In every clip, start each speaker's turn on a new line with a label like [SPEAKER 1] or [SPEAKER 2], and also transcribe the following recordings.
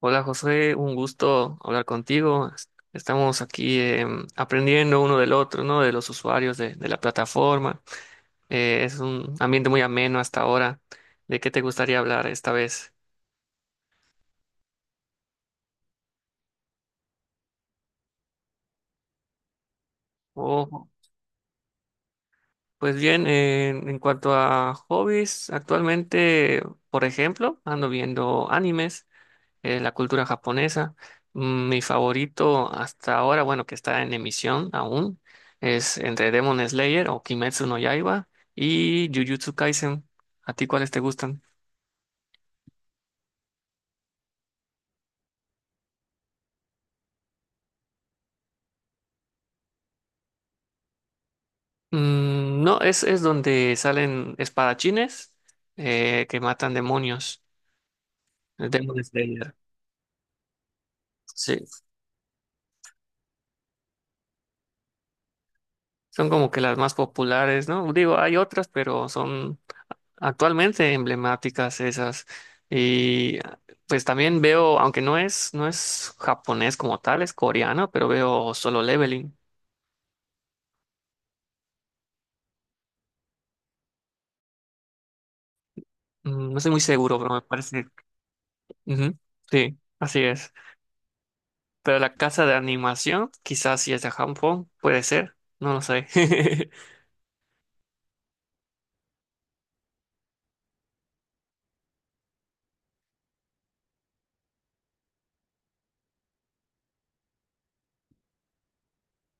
[SPEAKER 1] Hola José, un gusto hablar contigo. Estamos aquí aprendiendo uno del otro, ¿no? De los usuarios de la plataforma. Es un ambiente muy ameno hasta ahora. ¿De qué te gustaría hablar esta vez? Oh, pues bien, en cuanto a hobbies, actualmente, por ejemplo, ando viendo animes. La cultura japonesa. Mm. Mi favorito hasta ahora, bueno, que está en emisión aún, es entre Demon Slayer o Kimetsu no Yaiba y Jujutsu Kaisen. ¿A ti cuáles te gustan? Mm, no, es donde salen espadachines que matan demonios. El Demon Slayer. Sí. Son como que las más populares, ¿no? Digo, hay otras, pero son actualmente emblemáticas esas. Y pues también veo, aunque no es japonés como tal, es coreano, pero veo Solo Leveling. Mm, no estoy muy seguro, pero me parece. Ujú. Sí, así es. Pero la casa de animación, quizás si es de Japón, puede ser, no lo sé.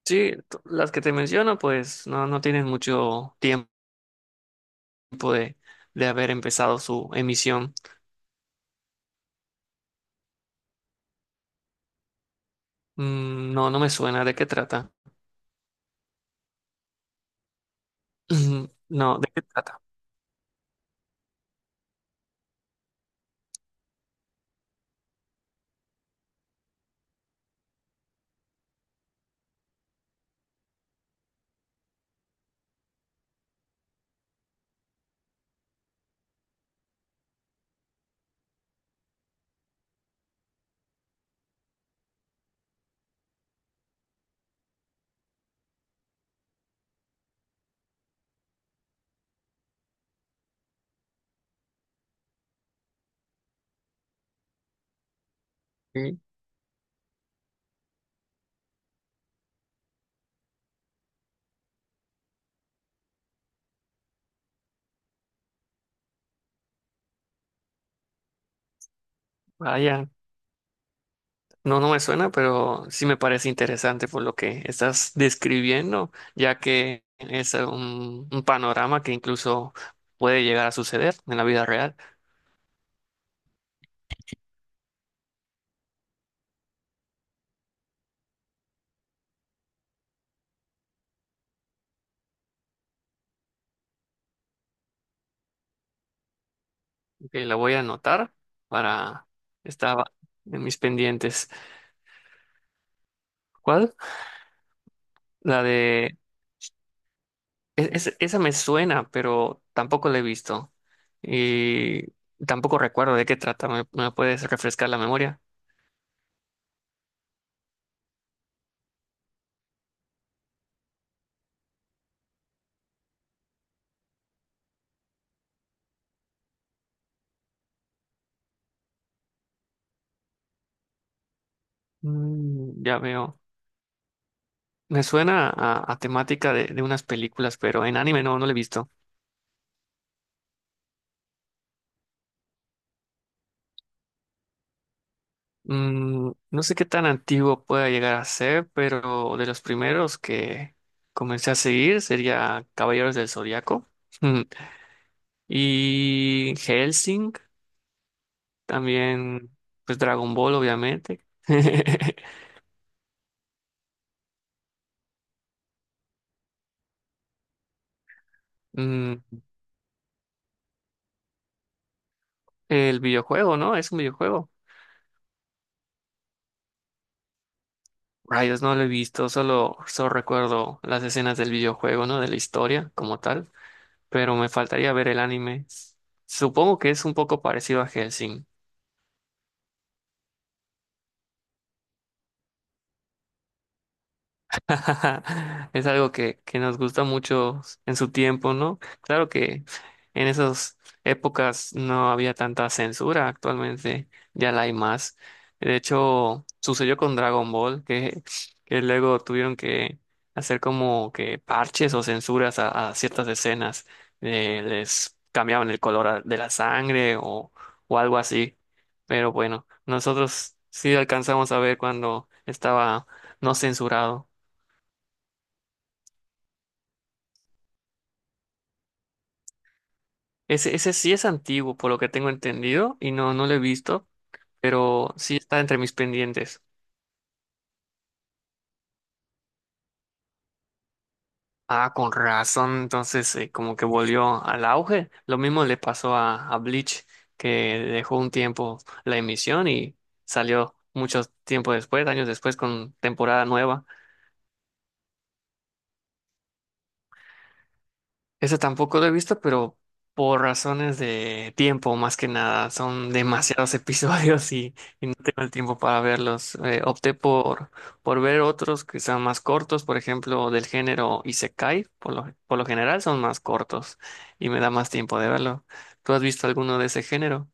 [SPEAKER 1] Sí, las que te menciono, pues no, no tienen mucho tiempo de, de haber empezado su emisión. Mm, no, no me suena. ¿De qué trata? No, ¿de qué trata? Vaya, no, no me suena, pero sí me parece interesante por lo que estás describiendo, ya que es un panorama que incluso puede llegar a suceder en la vida real. Que la voy a anotar para estar en mis pendientes. ¿Cuál? La de esa me suena, pero tampoco la he visto y tampoco recuerdo de qué trata. Me puedes refrescar la memoria? Mm, ya veo. Me suena a temática de unas películas, pero en anime no, no lo he visto. Mm, no sé qué tan antiguo pueda llegar a ser, pero de los primeros que comencé a seguir sería Caballeros del Zodiaco. Mm, y Hellsing, también pues Dragon Ball, obviamente. Mm, el videojuego, ¿no? Es un videojuego. Rayos, no lo he visto, solo, solo recuerdo las escenas del videojuego, ¿no? De la historia como tal, pero me faltaría ver el anime. Supongo que es un poco parecido a Hellsing. Es algo que nos gusta mucho en su tiempo, ¿no? Claro que en esas épocas no había tanta censura, actualmente ya la hay más. De hecho, sucedió con Dragon Ball, que luego tuvieron que hacer como que parches o censuras a ciertas escenas. Les cambiaban el color de la sangre o algo así. Pero bueno, nosotros sí alcanzamos a ver cuando estaba no censurado. Ese sí es antiguo, por lo que tengo entendido, y no, no lo he visto, pero sí está entre mis pendientes. Ah, con razón, entonces como que volvió al auge. Lo mismo le pasó a Bleach, que dejó un tiempo la emisión y salió mucho tiempo después, años después, con temporada nueva. Ese tampoco lo he visto, pero por razones de tiempo, más que nada, son demasiados episodios y no tengo el tiempo para verlos. Opté por ver otros que sean más cortos, por ejemplo, del género Isekai, por lo general son más cortos y me da más tiempo de verlo. ¿Tú has visto alguno de ese género?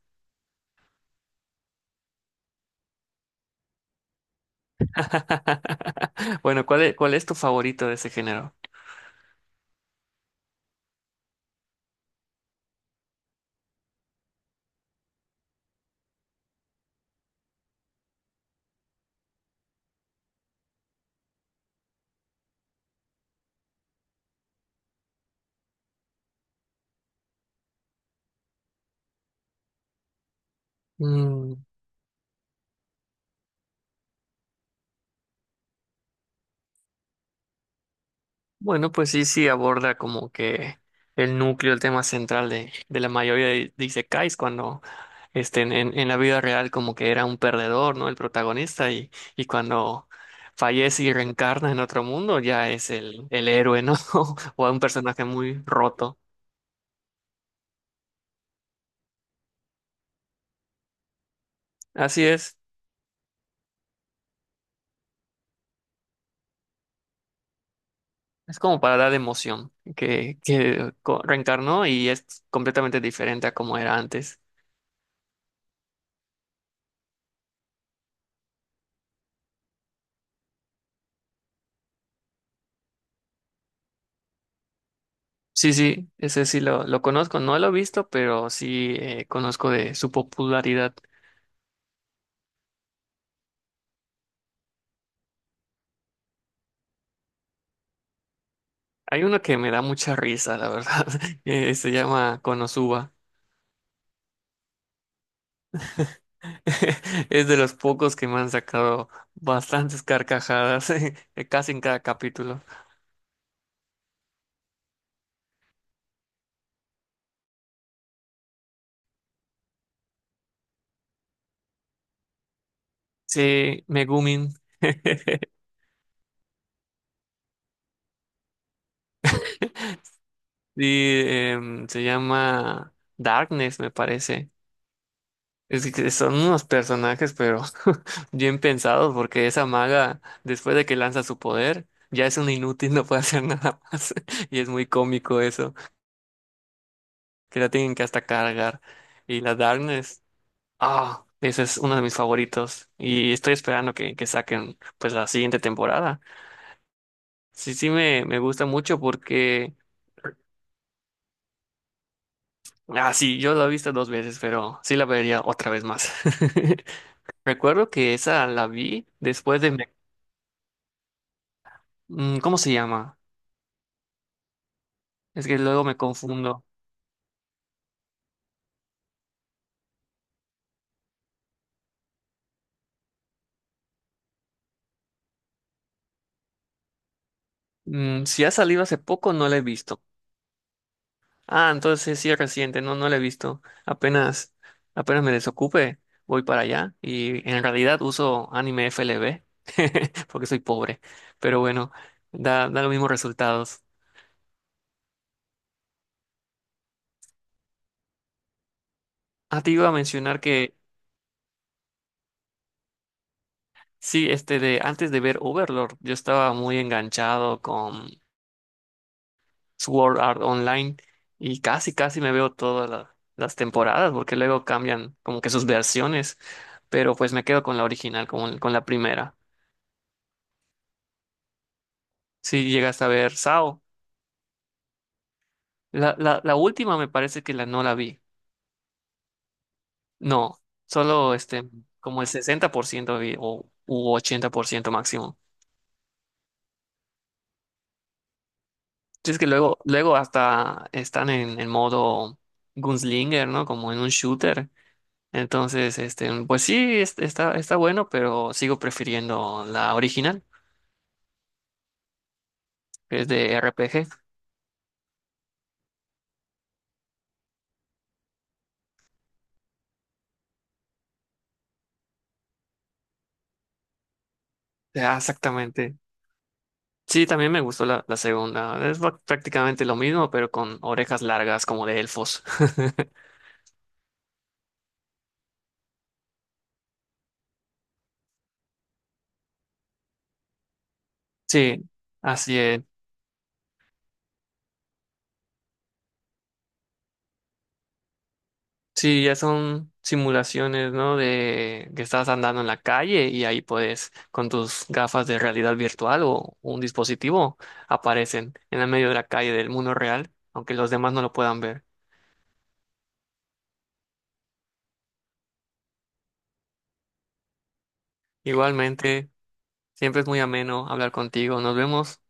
[SPEAKER 1] Bueno, ¿cuál es tu favorito de ese género? Bueno, pues sí, sí aborda como que el núcleo, el tema central de la mayoría de isekais cuando este, en la vida real como que era un perdedor, ¿no? El protagonista y cuando fallece y reencarna en otro mundo ya es el héroe, ¿no? O un personaje muy roto. Así es como para dar emoción, que, reencarnó y es completamente diferente a como era antes. Sí, sí, ese sí lo conozco, no lo he visto, pero sí conozco de su popularidad. Hay uno que me da mucha risa, la verdad. Se llama Konosuba. Es de los pocos que me han sacado bastantes carcajadas, casi en cada capítulo. Sí, Megumin. Y se llama Darkness, me parece. Es que son unos personajes, pero bien pensados, porque esa maga, después de que lanza su poder, ya es un inútil, no puede hacer nada más. Y es muy cómico eso, que la tienen que hasta cargar. Y la Darkness, ah, ese es uno de mis favoritos. Y estoy esperando que saquen pues la siguiente temporada. Sí, sí me gusta mucho porque, ah, sí, yo la he visto dos veces, pero sí la vería otra vez más. Recuerdo que esa la vi después de... ¿Cómo se llama? Es que luego me confundo. Mm, si ha salido hace poco, no la he visto. Ah, entonces sí es reciente, no, no la he visto. Apenas, apenas me desocupe, voy para allá. Y en realidad uso anime FLV, porque soy pobre. Pero bueno, da, da los mismos resultados. Ah, te iba a mencionar que sí, este de antes de ver Overlord, yo estaba muy enganchado con Sword Art Online y casi, casi me veo todas las temporadas porque luego cambian como que sus versiones, pero pues me quedo con la original, con la primera. Si llegas a ver Sao, la última me parece que la no la vi. No, solo este, como el 60% vi o u 80% máximo. Sí. Es que luego, luego hasta están en modo gunslinger, ¿no? Como en un shooter. Entonces, este, pues sí, está, está bueno, pero sigo prefiriendo la original, que es de RPG. Ah, exactamente. Sí, también me gustó la segunda. Es prácticamente lo mismo, pero con orejas largas como de elfos. Sí, así es. Sí, ya son simulaciones, ¿no? De que estás andando en la calle y ahí puedes, con tus gafas de realidad virtual o un dispositivo, aparecen en el medio de la calle del mundo real, aunque los demás no lo puedan ver. Igualmente. Siempre es muy ameno hablar contigo. Nos vemos.